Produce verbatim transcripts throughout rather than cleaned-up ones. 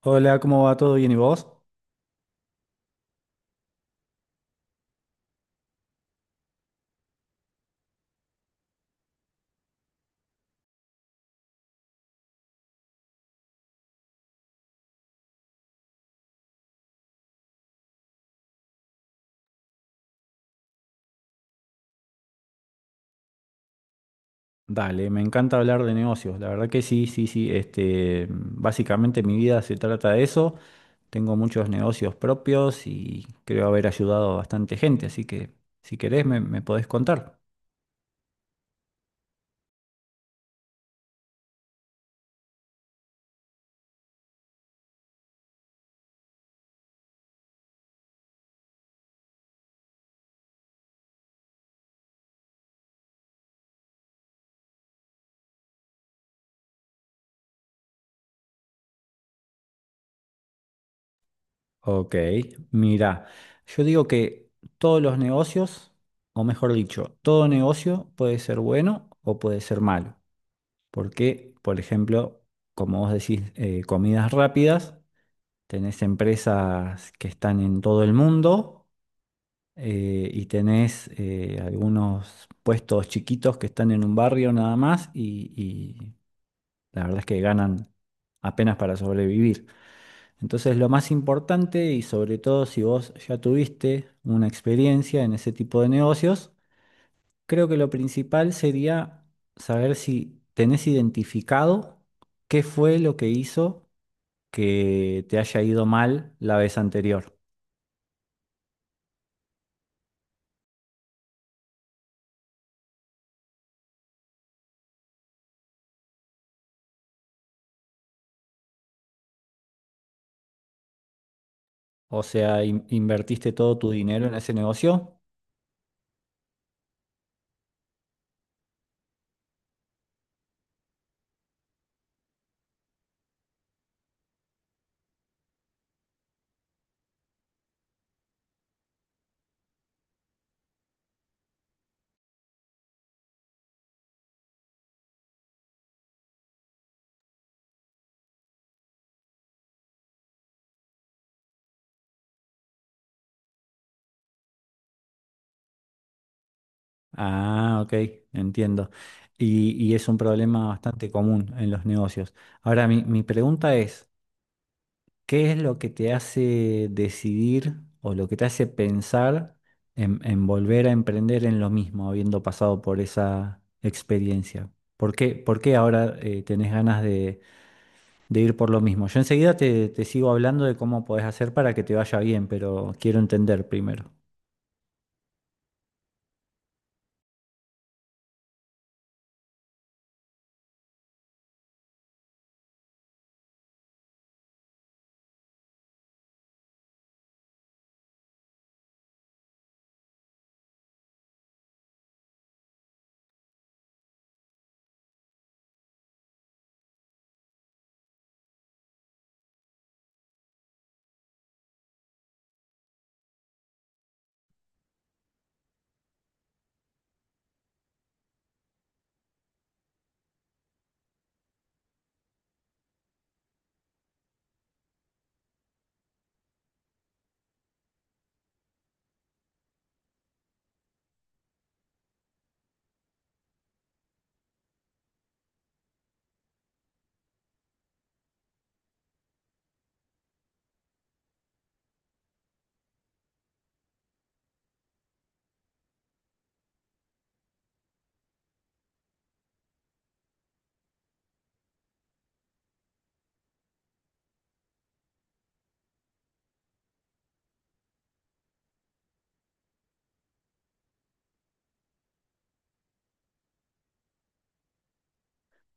Hola, ¿cómo va? ¿Todo bien y vos? Dale, me encanta hablar de negocios. La verdad que sí, sí, sí. Este, básicamente mi vida se trata de eso. Tengo muchos negocios propios y creo haber ayudado a bastante gente, así que si querés me, me podés contar. Ok, mira, yo digo que todos los negocios, o mejor dicho, todo negocio puede ser bueno o puede ser malo. Porque, por ejemplo, como vos decís, eh, comidas rápidas. Tenés empresas que están en todo el mundo eh, y tenés eh, algunos puestos chiquitos que están en un barrio nada más y, y la verdad es que ganan apenas para sobrevivir. Entonces lo más importante y sobre todo si vos ya tuviste una experiencia en ese tipo de negocios, creo que lo principal sería saber si tenés identificado qué fue lo que hizo que te haya ido mal la vez anterior. O sea, in- ¿invertiste todo tu dinero en ese negocio? Ah, ok, entiendo. Y, y es un problema bastante común en los negocios. Ahora, mi, mi pregunta es, ¿qué es lo que te hace decidir o lo que te hace pensar en, en volver a emprender en lo mismo, habiendo pasado por esa experiencia? ¿Por qué, por qué ahora eh, tenés ganas de, de ir por lo mismo? Yo enseguida te, te sigo hablando de cómo podés hacer para que te vaya bien, pero quiero entender primero.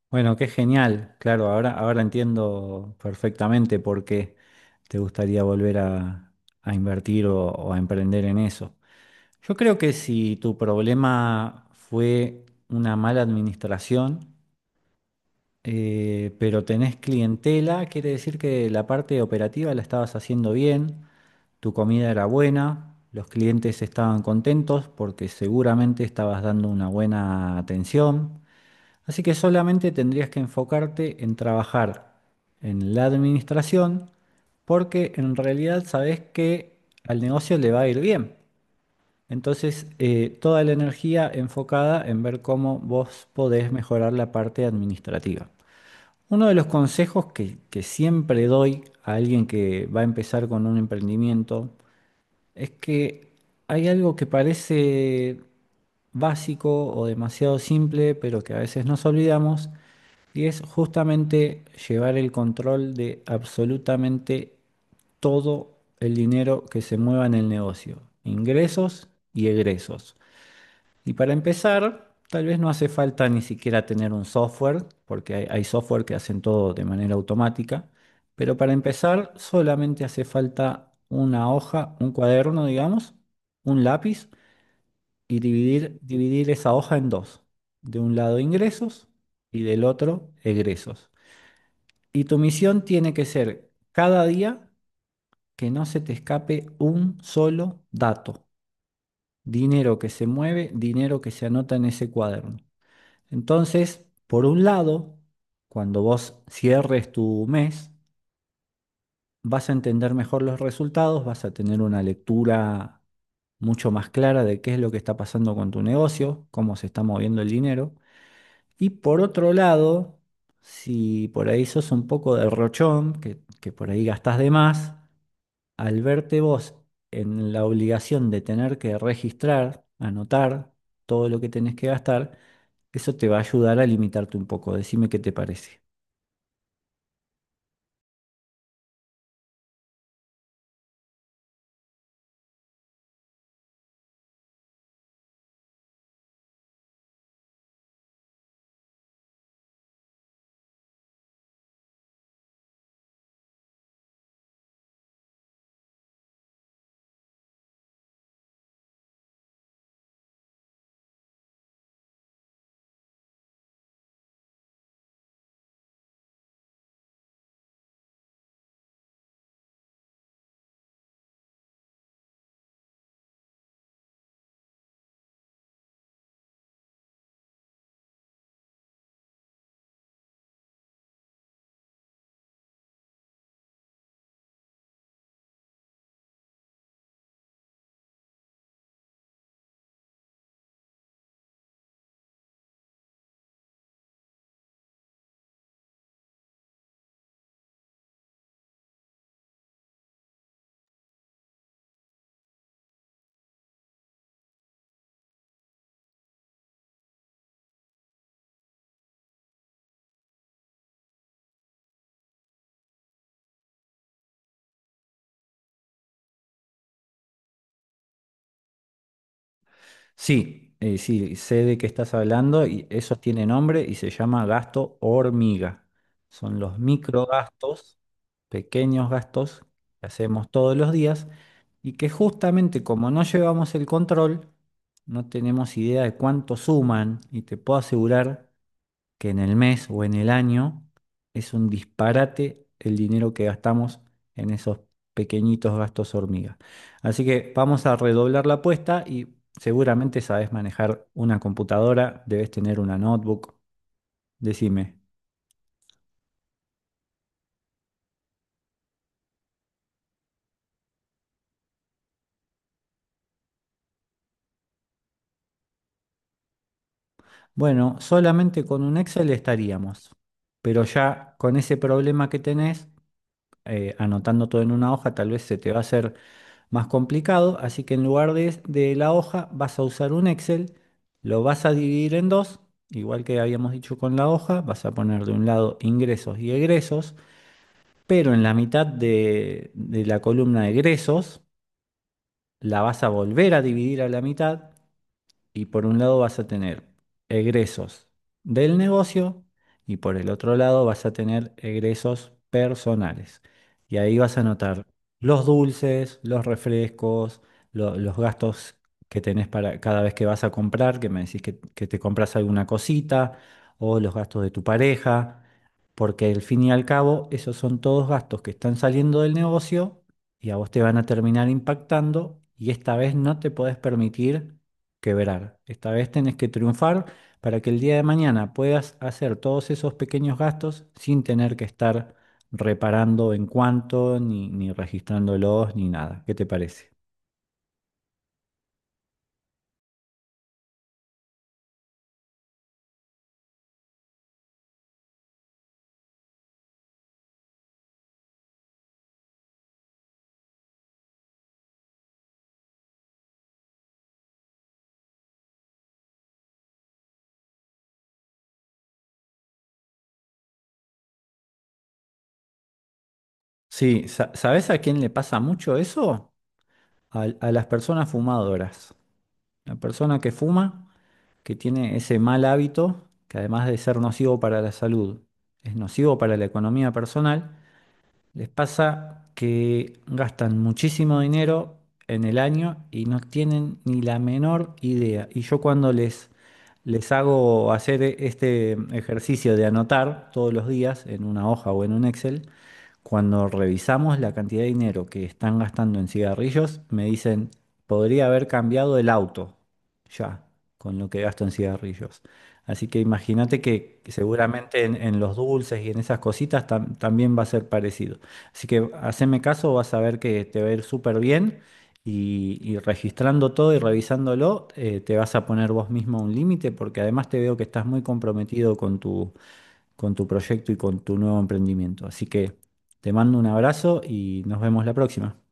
Bueno, qué genial. Claro, ahora, ahora entiendo perfectamente por qué te gustaría volver a, a invertir o, o a emprender en eso. Yo creo que si tu problema fue una mala administración, eh, pero tenés clientela, quiere decir que la parte operativa la estabas haciendo bien, tu comida era buena, los clientes estaban contentos porque seguramente estabas dando una buena atención. Así que solamente tendrías que enfocarte en trabajar en la administración, porque en realidad sabes que al negocio le va a ir bien. Entonces, eh, toda la energía enfocada en ver cómo vos podés mejorar la parte administrativa. Uno de los consejos que, que siempre doy a alguien que va a empezar con un emprendimiento es que hay algo que parece básico o demasiado simple, pero que a veces nos olvidamos, y es justamente llevar el control de absolutamente todo el dinero que se mueva en el negocio, ingresos y egresos. Y para empezar, tal vez no hace falta ni siquiera tener un software, porque hay, hay software que hacen todo de manera automática, pero para empezar solamente hace falta una hoja, un cuaderno, digamos, un lápiz, y dividir, dividir esa hoja en dos. De un lado ingresos y del otro egresos. Y tu misión tiene que ser cada día que no se te escape un solo dato. Dinero que se mueve, dinero que se anota en ese cuaderno. Entonces, por un lado, cuando vos cierres tu mes, vas a entender mejor los resultados, vas a tener una lectura mucho más clara de qué es lo que está pasando con tu negocio, cómo se está moviendo el dinero. Y por otro lado, si por ahí sos un poco derrochón, que, que por ahí gastás de más, al verte vos en la obligación de tener que registrar, anotar todo lo que tenés que gastar, eso te va a ayudar a limitarte un poco. Decime qué te parece. Sí, eh, sí, sé de qué estás hablando y eso tiene nombre y se llama gasto hormiga. Son los microgastos, pequeños gastos que hacemos todos los días y que justamente como no llevamos el control, no tenemos idea de cuánto suman, y te puedo asegurar que en el mes o en el año es un disparate el dinero que gastamos en esos pequeñitos gastos hormigas. Así que vamos a redoblar la apuesta y seguramente sabes manejar una computadora, debes tener una notebook, decime. Bueno, solamente con un Excel estaríamos, pero ya con ese problema que tenés, eh, anotando todo en una hoja, tal vez se te va a hacer más complicado, así que en lugar de, de la hoja vas a usar un Excel, lo vas a dividir en dos, igual que habíamos dicho con la hoja, vas a poner de un lado ingresos y egresos, pero en la mitad de, de la columna de egresos la vas a volver a dividir a la mitad, y por un lado vas a tener egresos del negocio y por el otro lado vas a tener egresos personales. Y ahí vas a notar los dulces, los refrescos, lo- los gastos que tenés para cada vez que vas a comprar, que me decís que, que te compras alguna cosita, o los gastos de tu pareja, porque al fin y al cabo esos son todos gastos que están saliendo del negocio y a vos te van a terminar impactando, y esta vez no te podés permitir quebrar. Esta vez tenés que triunfar para que el día de mañana puedas hacer todos esos pequeños gastos sin tener que estar reparando en cuánto, ni, ni registrándolos, ni nada. ¿Qué te parece? Sí, sa- ¿sabés a quién le pasa mucho eso? Al- A, las personas fumadoras. La persona que fuma, que tiene ese mal hábito, que además de ser nocivo para la salud, es nocivo para la economía personal. Les pasa que gastan muchísimo dinero en el año y no tienen ni la menor idea. Y yo cuando les, les hago hacer e- este ejercicio de anotar todos los días en una hoja o en un Excel, cuando revisamos la cantidad de dinero que están gastando en cigarrillos, me dicen, podría haber cambiado el auto ya con lo que gasto en cigarrillos. Así que imagínate que seguramente en, en los dulces y en esas cositas tam- también va a ser parecido. Así que haceme caso, vas a ver que te va a ir súper bien, y, y registrando todo y revisándolo, eh, te vas a poner vos mismo un límite, porque además te veo que estás muy comprometido con tu con tu proyecto y con tu nuevo emprendimiento. Así que te mando un abrazo y nos vemos la próxima.